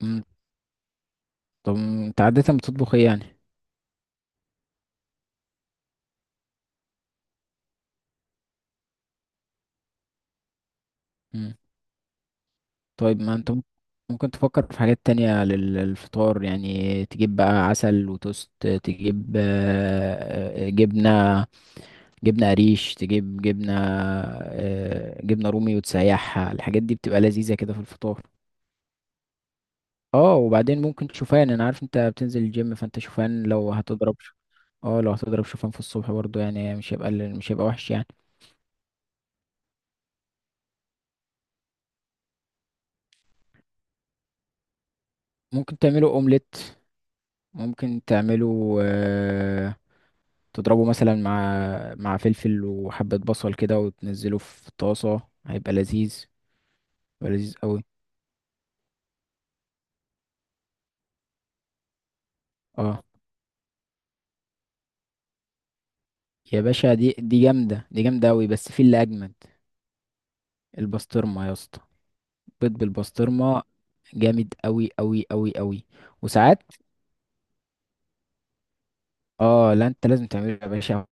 مم. طب انت عادة بتطبخ ايه يعني؟ مم. طيب، ما انت ممكن تفكر في حاجات تانية للفطار، يعني تجيب بقى عسل وتوست، تجيب جبنة، جبنة قريش، تجيب جبنة جبنة رومي وتسيحها، الحاجات دي بتبقى لذيذة كده في الفطار. اه، وبعدين ممكن شوفان، انا عارف انت بتنزل الجيم، فانت شوفان لو هتضرب اه، لو هتضرب شوفان في الصبح برضو، يعني مش هيبقى وحش يعني. ممكن تعمله اومليت، ممكن تعمله، تضربه مثلا مع، فلفل وحبة بصل كده وتنزله في طاسة، هيبقى لذيذ، هيبقى لذيذ قوي. اه يا باشا، دي جامدة، دي جامدة قوي، بس في اللي أجمد، البسطرمة يا اسطى، بيض بالبسطرمة، جامد قوي قوي قوي قوي. وساعات، اه لا، انت لازم تعمله يا باشا،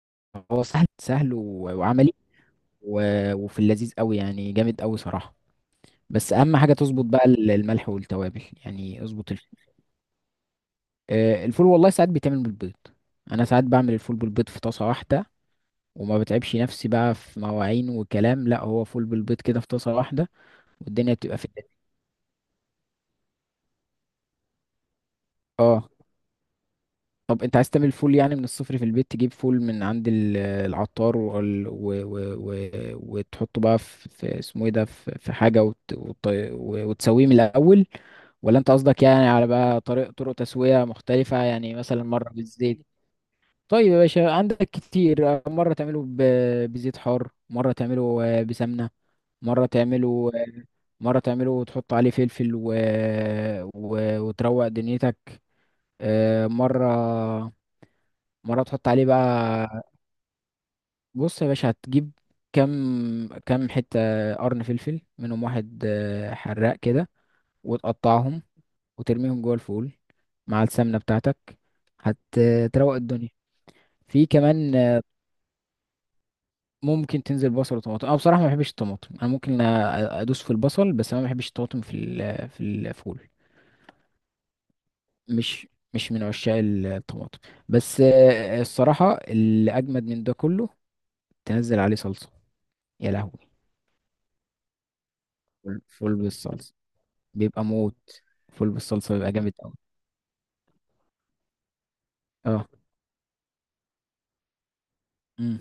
هو سهل، سهل وعملي، وفي اللذيذ قوي يعني، جامد قوي صراحة. بس اهم حاجة تظبط بقى الملح والتوابل، يعني اظبط. الفول والله ساعات بيتعمل بالبيض، انا ساعات بعمل الفول بالبيض في طاسه واحده، وما بتعبش نفسي بقى في مواعين وكلام، لا، هو فول بالبيض كده في طاسه واحده، والدنيا بتبقى في الدنيا. اه، طب انت عايز تعمل فول يعني من الصفر في البيت، تجيب فول من عند العطار و... و... وتحطه بقى في، في اسمه ايه ده، في، في حاجه وتسويه من الاول، ولا انت قصدك يعني على بقى طريق، طرق تسويه مختلفه، يعني مثلا مره بالزيت. طيب يا باشا، عندك كتير، مرة تعمله بزيت حار، مرة تعمله بسمنة، مرة تعمله مرة تعمله وتحط عليه فلفل وتروق دنيتك، مرة، مرة تحط عليه بقى، بص يا باشا، هتجيب كم، كم حتة قرن فلفل، منهم واحد حراق كده، وتقطعهم، وترميهم جوه الفول مع السمنة بتاعتك، هتروق الدنيا. في كمان، ممكن تنزل بصل وطماطم، انا بصراحه ما بحبش الطماطم، انا ممكن ادوس في البصل، بس انا ما بحبش الطماطم في في الفول، مش مش من عشاق الطماطم. بس الصراحه اللي اجمد من ده كله، تنزل عليه صلصه، يا لهوي. فول بالصلصه بيبقى موت، فول بالصلصه بيبقى جامد قوي. اه. امم.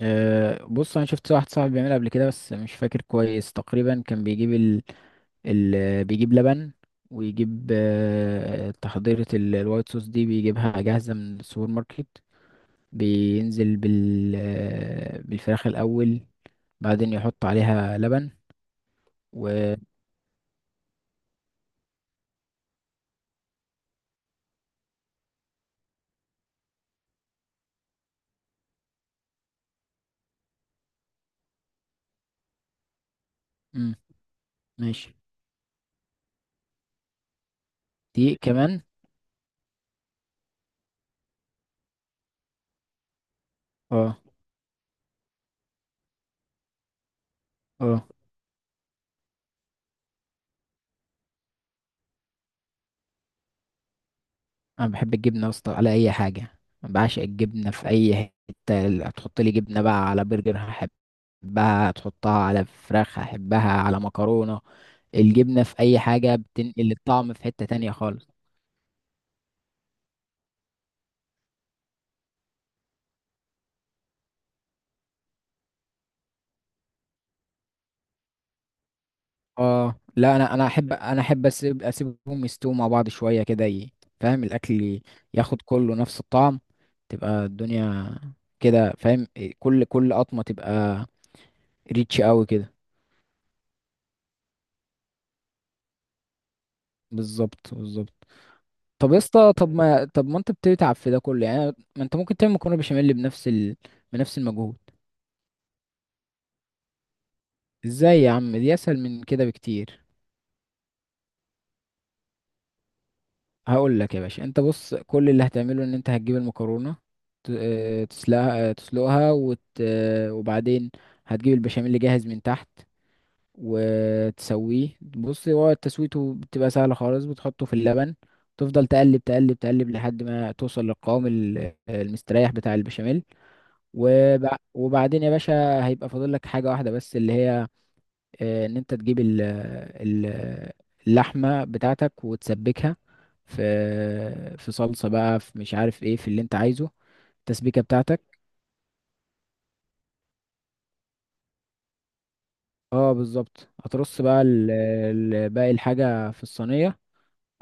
أه، بص، انا شفت واحد صاحبي بيعملها قبل كده، بس مش فاكر كويس، تقريبا كان بيجيب اللي بيجيب لبن، ويجيب تحضيرة الوايت صوص دي، بيجيبها جاهزة من السوبر ماركت، بينزل بال بالفراخ الأول، بعدين يحط عليها لبن، و، مم، ماشي. دي كمان. اه. اه، أنا بحب الجبنة يا اسطى على أي حاجة، أنا بعشق الجبنة في أي حتة، هتحط لي جبنة بقى على برجر هحبها، هتحطها على فراخ هحبها، على مكرونة، الجبنة في أي حاجة بتنقل الطعم في حتة تانية خالص. اه لا، انا احب اسيبهم يستووا مع بعض شويه كده فاهم؟ الاكل ياخد كله نفس الطعم، تبقى الدنيا كده، فاهم إيه، كل قطمه تبقى ريتش قوي كده. بالظبط، بالظبط. طب يا اسطى، طب ما انت بتتعب في ده كله يعني، ما انت ممكن تعمل مكرونه بشاميل بنفس بنفس المجهود. ازاي يا عم؟ دي اسهل من كده بكتير. هقول لك يا باشا، انت بص، كل اللي هتعمله ان انت هتجيب المكرونه، تسلقها، وت... آه، وبعدين هتجيب البشاميل اللي جاهز من تحت وتسويه، بص، هو تسويته بتبقى سهله خالص، بتحطه في اللبن، تفضل تقلب تقلب تقلب لحد ما توصل للقوام المستريح بتاع البشاميل. وبعدين يا باشا، هيبقى فاضل لك حاجه واحده بس، اللي هي ان انت تجيب اللحمه بتاعتك وتسبكها في، في صلصه بقى، في، مش عارف ايه، في اللي انت عايزه، التسبيكه بتاعتك. اه، بالظبط، هترص بقى باقي الحاجه في الصينيه،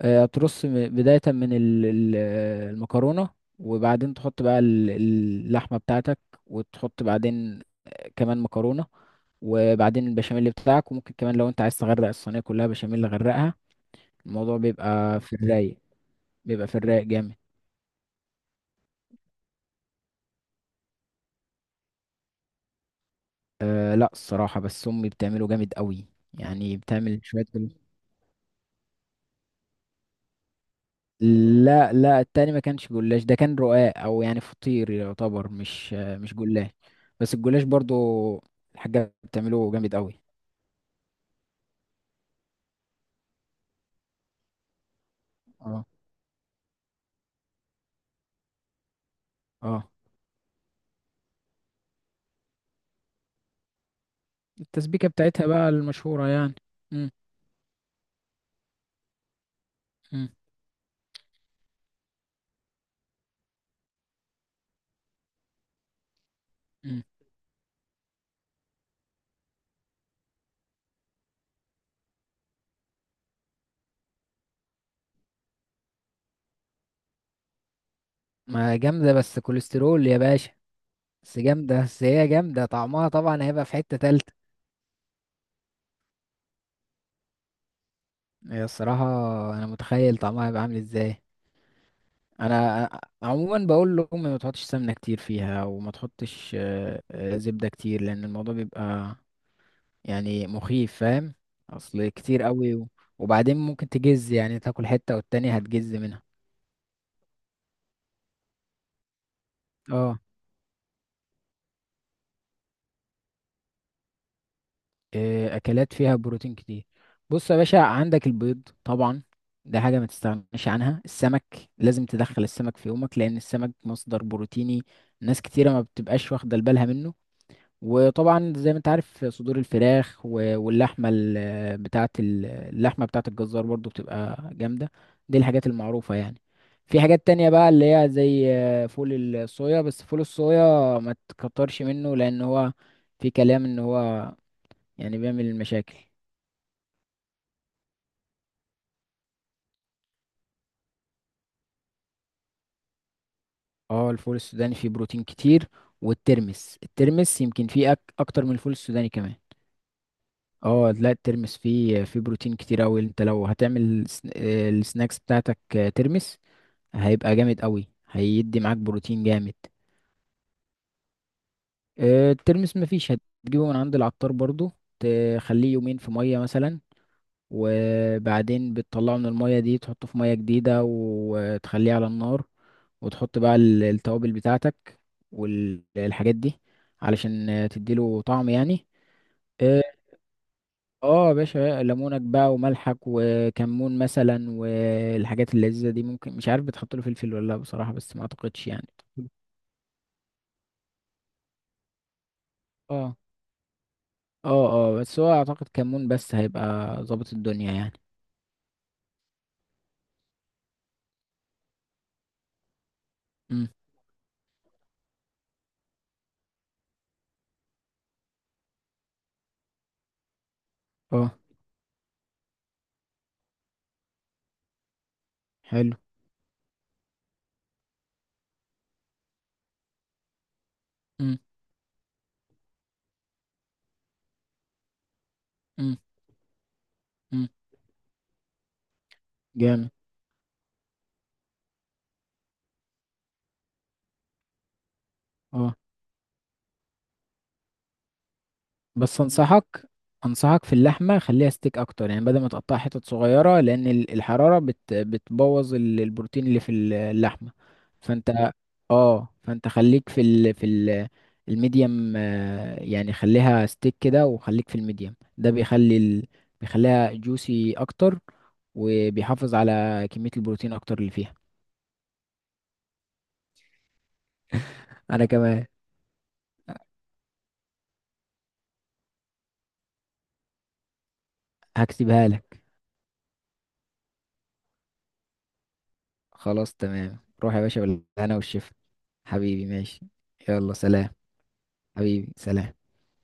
هترص بدايه من المكرونه، وبعدين تحط بقى اللحمه بتاعتك، وتحط بعدين كمان مكرونه، وبعدين البشاميل بتاعك، وممكن كمان لو انت عايز تغرق الصينيه كلها بشاميل غرقها، الموضوع بيبقى في الرايق، بيبقى في الرايق جامد. أه لا، الصراحة بس أمي بتعمله جامد قوي، يعني بتعمل شوية لا لا، التاني ما كانش جلاش، ده كان رقاق، أو يعني فطير يعتبر، مش مش جلاش، بس الجلاش برضو الحاجة بتعمله جامد قوي. اه. اه، التسبيكة بتاعتها بقى المشهورة يعني. مم. مم. مم. ما جامدة، بس كوليسترول يا باشا. بس جامدة، بس هي جامدة، طعمها طبعا هيبقى في حتة تالتة. هي الصراحة، أنا متخيل طعمها هيبقى عامل ازاي. انا عموما بقول لهم ما تحطش سمنه كتير فيها، وما تحطش زبده كتير، لان الموضوع بيبقى يعني مخيف، فاهم؟ اصل كتير قوي، وبعدين ممكن تجز، يعني تاكل حته والتانية هتجز منها. اه. اكلات فيها بروتين كتير. بص يا باشا، عندك البيض طبعا، ده حاجه ما تستغناش عنها. السمك، لازم تدخل السمك في يومك، لان السمك مصدر بروتيني، ناس كتيره ما بتبقاش واخده بالها منه. وطبعا زي ما انت عارف، صدور الفراخ واللحمه بتاعه اللحمه بتاعه الجزار برضو بتبقى جامده، دي الحاجات المعروفه يعني. في حاجات تانية بقى اللي هي زي فول الصويا، بس فول الصويا ما تكترش منه، لان هو في كلام ان هو يعني بيعمل مشاكل. اه، الفول السوداني فيه بروتين كتير، والترمس يمكن فيه اكتر من الفول السوداني كمان. اه لا، الترمس فيه بروتين كتير اوي، انت لو هتعمل السناكس بتاعتك ترمس، هيبقى جامد قوي، هيدي معاك بروتين جامد. الترمس مفيش، هتجيبه من عند العطار برضو، تخليه يومين في مية مثلا، وبعدين بتطلعه من المية دي، تحطه في مية جديدة وتخليه على النار، وتحط بقى التوابل بتاعتك والحاجات دي، علشان تديله طعم يعني. اه. آه يا باشا، ليمونك بقى وملحك وكمون مثلا، والحاجات اللذيذة دي، ممكن، مش عارف بتحط له فلفل ولا لا بصراحة، بس ما اعتقدش يعني. اه. اه، اه، بس هو اعتقد كمون بس، هيبقى ظابط الدنيا يعني. امم. اه، حلو. امم. امم. امم. جامد. اه، بس انصحك، انصحك في اللحمه، خليها ستيك اكتر، يعني بدل ما تقطعها حتت صغيره، لان الحراره بتبوظ البروتين اللي في اللحمه. فانت، اه، فانت خليك في ال في ال الميديم، يعني خليها ستيك كده، وخليك في الميديم، ده بيخلي بيخليها جوسي اكتر، وبيحافظ على كميه البروتين اكتر اللي فيها. انا كمان. هكتبها لك. خلاص تمام، روح يا باشا بالهنا والشفا. حبيبي، ماشي. يلا سلام. حبيبي، سلام.